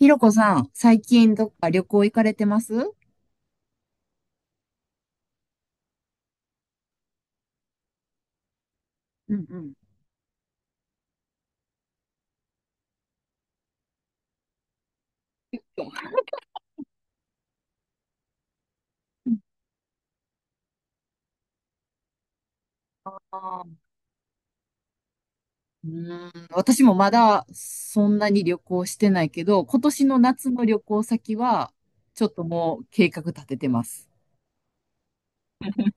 ひろこさん、最近どっか旅行行かれてます？うんうん。あー、うーん、私もまだそんなに旅行してないけど、今年の夏の旅行先は、ちょっともう計画立ててます。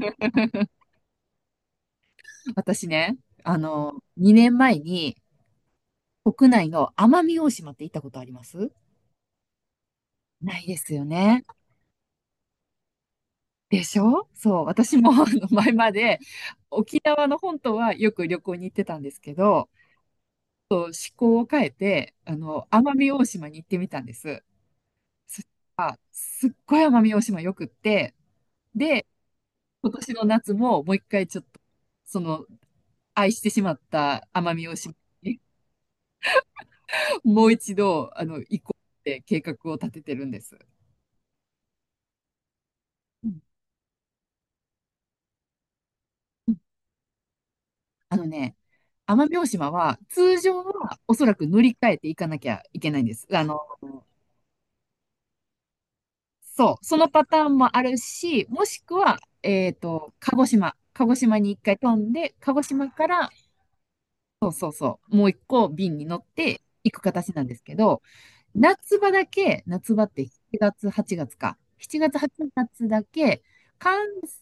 私ね、2年前に国内の奄美大島って行ったことあります？ないですよね。でしょ？そう、私もあの前まで沖縄の本島はよく旅行に行ってたんですけど、と思考を変えて、奄美大島に行ってみたんです。そしたら、すっごい奄美大島よくって、で、今年の夏ももう一回ちょっと、その、愛してしまった奄美大島に もう一度、行こうって計画を立ててるんです。うんうん、あのね、奄美大島は、通常はおそらく乗り換えていかなきゃいけないんです。そう、そのパターンもあるし、もしくは、鹿児島。鹿児島に一回飛んで、鹿児島からもう一個便に乗って行く形なんですけど、夏場だけ、夏場って7月、8月か。7月、8月だけ、関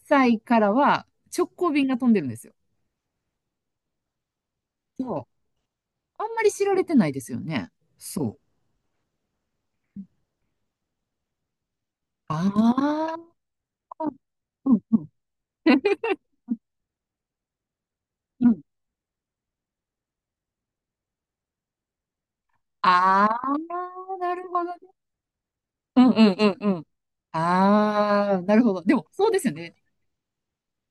西からは直行便が飛んでるんですよ。そう。あんまり知られてないですよね。そう。ああ、うんうんうん。ああ、なるほどね。うんうんうんうん。ああ、なるほど。でも、そうですよね。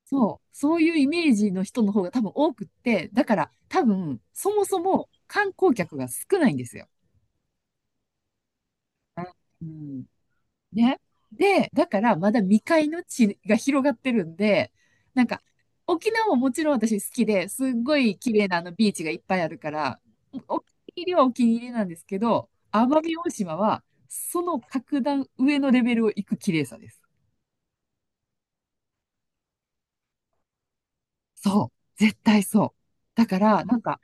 そう。そういうイメージの人の方が多分多くって、だから多分、そもそも観光客が少ないんですよ。うん。ね。で、だからまだ未開の地が広がってるんで、なんか、沖縄ももちろん私好きで、すっごい綺麗なあのビーチがいっぱいあるから、お気に入りはお気に入りなんですけど、奄美大島はその格段上のレベルを行く綺麗さです。そう。絶対そう。だから、なんか、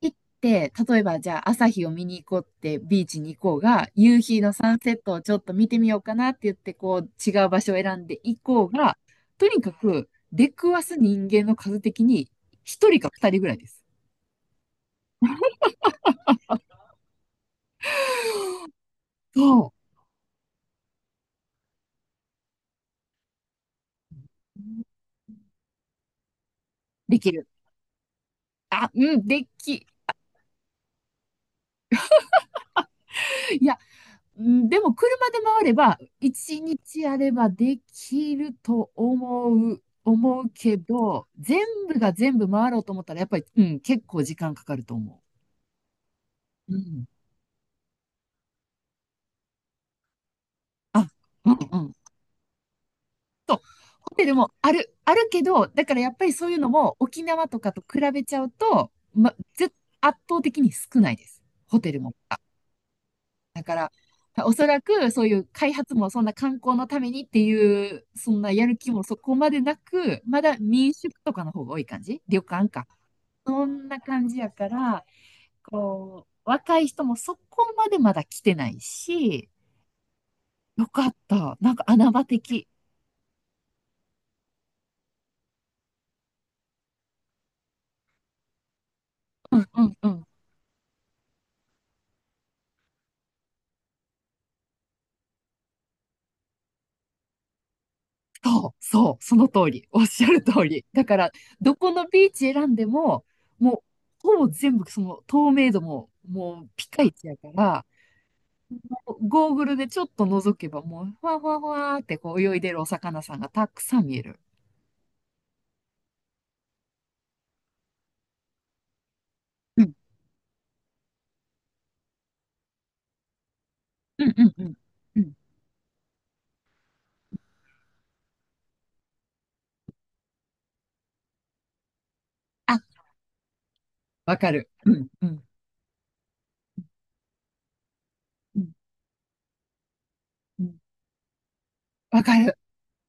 行って、例えばじゃあ朝日を見に行こうってビーチに行こうが、夕日のサンセットをちょっと見てみようかなって言って、こう、違う場所を選んで行こうが、とにかく出くわす人間の数的に、一人か二人ぐらいです。そう。できる。あ、うん、いや、うん、でも車で回れば、一日あればできると思う、思うけど、全部が全部回ろうと思ったら、やっぱり、うん、結構時間かかると思う。うん。あ、うんうん。ホテルもある、あるけど、だからやっぱりそういうのも沖縄とかと比べちゃうと、圧倒的に少ないです。ホテルも。だから、おそらくそういう開発もそんな観光のためにっていう、そんなやる気もそこまでなく、まだ民宿とかの方が多い感じ。旅館か。そんな感じやから、こう、若い人もそこまでまだ来てないし、よかった。なんか穴場的。うんうん。そう、そう、その通り。おっしゃる通り。だから、どこのビーチ選んでも、もう、ほぼ全部その透明度も、もうピカイチやから、ゴーグルでちょっと覗けばもう、ふわふわふわーってこう泳いでるお魚さんがたくさん見える。うん、うん、うん、うん。うん、あ、わかる。うん、うん、うん、うん。わかる。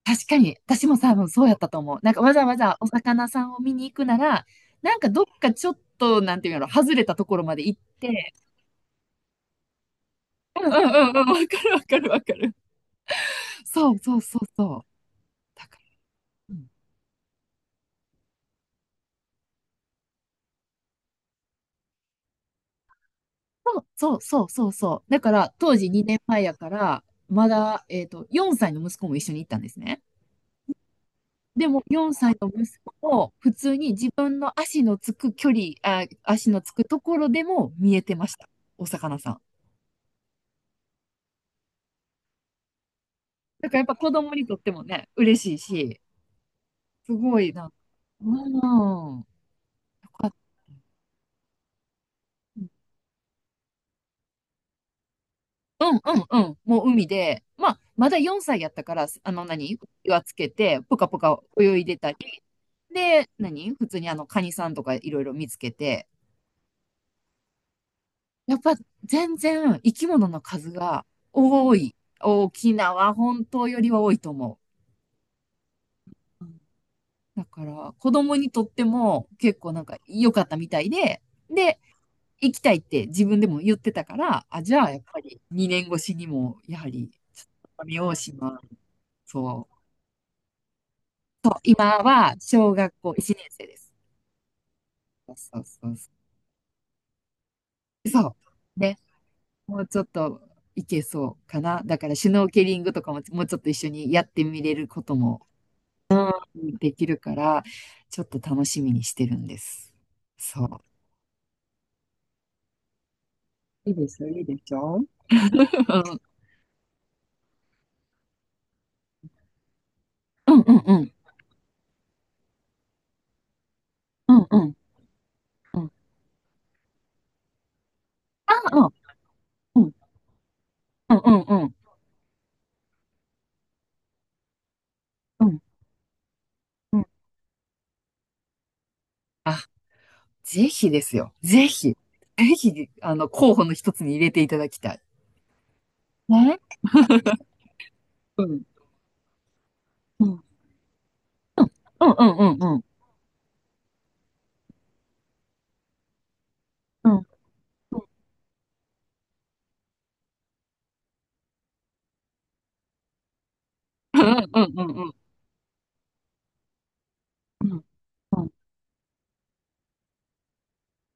確かに、私も多分そうやったと思う。なんかわざわざお魚さんを見に行くなら、なんかどっかちょっと、なんていうの、外れたところまで行って、うん、うん、うん、うん、わかる、わかる、わかる。そう、そう、そう、そう。だから、うん、そうそうそうそうそう。だから、当時2年前やから、まだ、4歳の息子も一緒に行ったんですね。でも、4歳の息子も、普通に自分の足のつく距離、あ、足のつくところでも見えてました。お魚さん。だからやっぱ子供にとってもね、嬉しいし、すごいな、うん、よかった。うんうんうん。もう海で、まあ、まだ4歳やったから、あの何、岩つけて、ぷかぷか泳いでたり、で、普通にカニさんとかいろいろ見つけて、やっぱ全然生き物の数が多い。沖縄本島よりは多いと思う。うん、だから、子供にとっても結構なんか良かったみたいで、で、行きたいって自分でも言ってたから、あ、じゃあやっぱり2年越しにも、やはり、奄美大島、そう、そう、今は小学校1年生です。そうそうそう。そう。ね。もうちょっといけそうかな。だからシュノーケリングとかももうちょっと一緒にやってみれることもできるから、ちょっと楽しみにしてるんです。そう。いいでしょ？いいでしょ？うんうんうんうんうんうん。あ、うんうんうんうんうんうん。あ、ぜひですよ。ぜひ。ぜひ、候補の一つに入れていただきたい。ね。うん。うんうんうんうんうん。うん。うんうんうんうんうん。うんうん。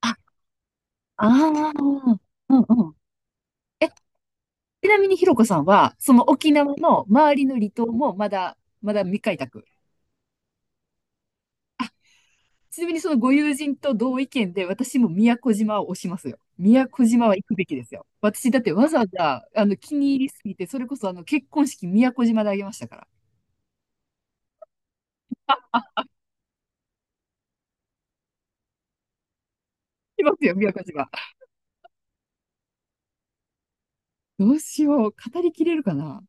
あ、ああ。うんうん。ちなみにひろこさんは、その沖縄の周りの離島もまだ、まだ未開拓。ちなみにそのご友人と同意見で、私も宮古島を推しますよ。宮古島は行くべきですよ。私だってわざわざ、気に入りすぎて、それこそ結婚式宮古島であげましたから。来ますよ、宮古島。どうしよう。語りきれるかな。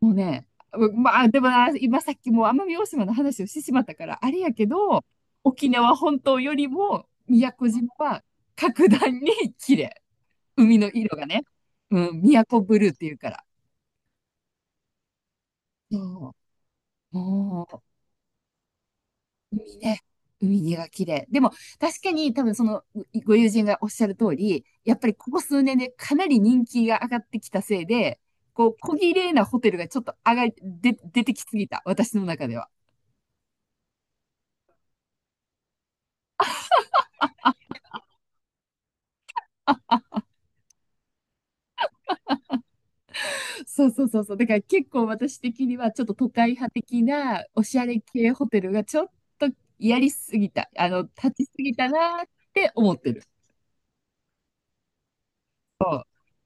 もうね、まあ、でもな、今さっきもう奄美大島の話をしてしまったから、あれやけど、沖縄本島よりも宮古島は格段に綺麗。海の色がね。うん、宮古ブルーっていうから。そう。もう、海ね。海が綺麗。でも、確かに多分その、ご友人がおっしゃる通り、やっぱりここ数年でかなり人気が上がってきたせいで、こう、小綺麗なホテルがちょっと上がり、で、出てきすぎた。私の中では。そうそうそうそう。だから結構私的にはちょっと都会派的なおしゃれ系ホテルがちょっとやりすぎた、立ちすぎたなって思ってる。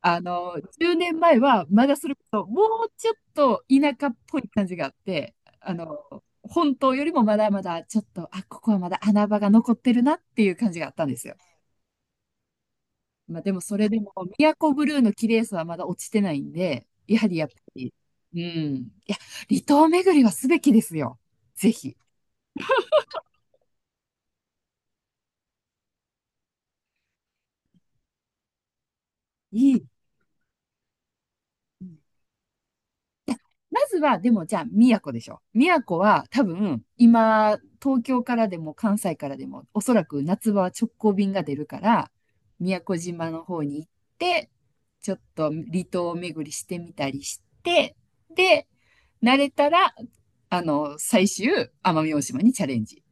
10年前はまだそれこそもうちょっと田舎っぽい感じがあって、あの、本島よりもまだまだちょっと、あ、ここはまだ穴場が残ってるなっていう感じがあったんですよ。まあでもそれでも、宮古ブルーの綺麗さはまだ落ちてないんで、やはりやっぱり、うん。いや、離島巡りはすべきですよ。ぜひ。いい。うん、まずは、でもじゃあ、宮古でしょ。宮古は多分、今、東京からでも関西からでも、おそらく夏場は直行便が出るから、宮古島の方に行って、ちょっと離島巡りしてみたりして、で、慣れたら、最終、奄美大島にチャレンジ。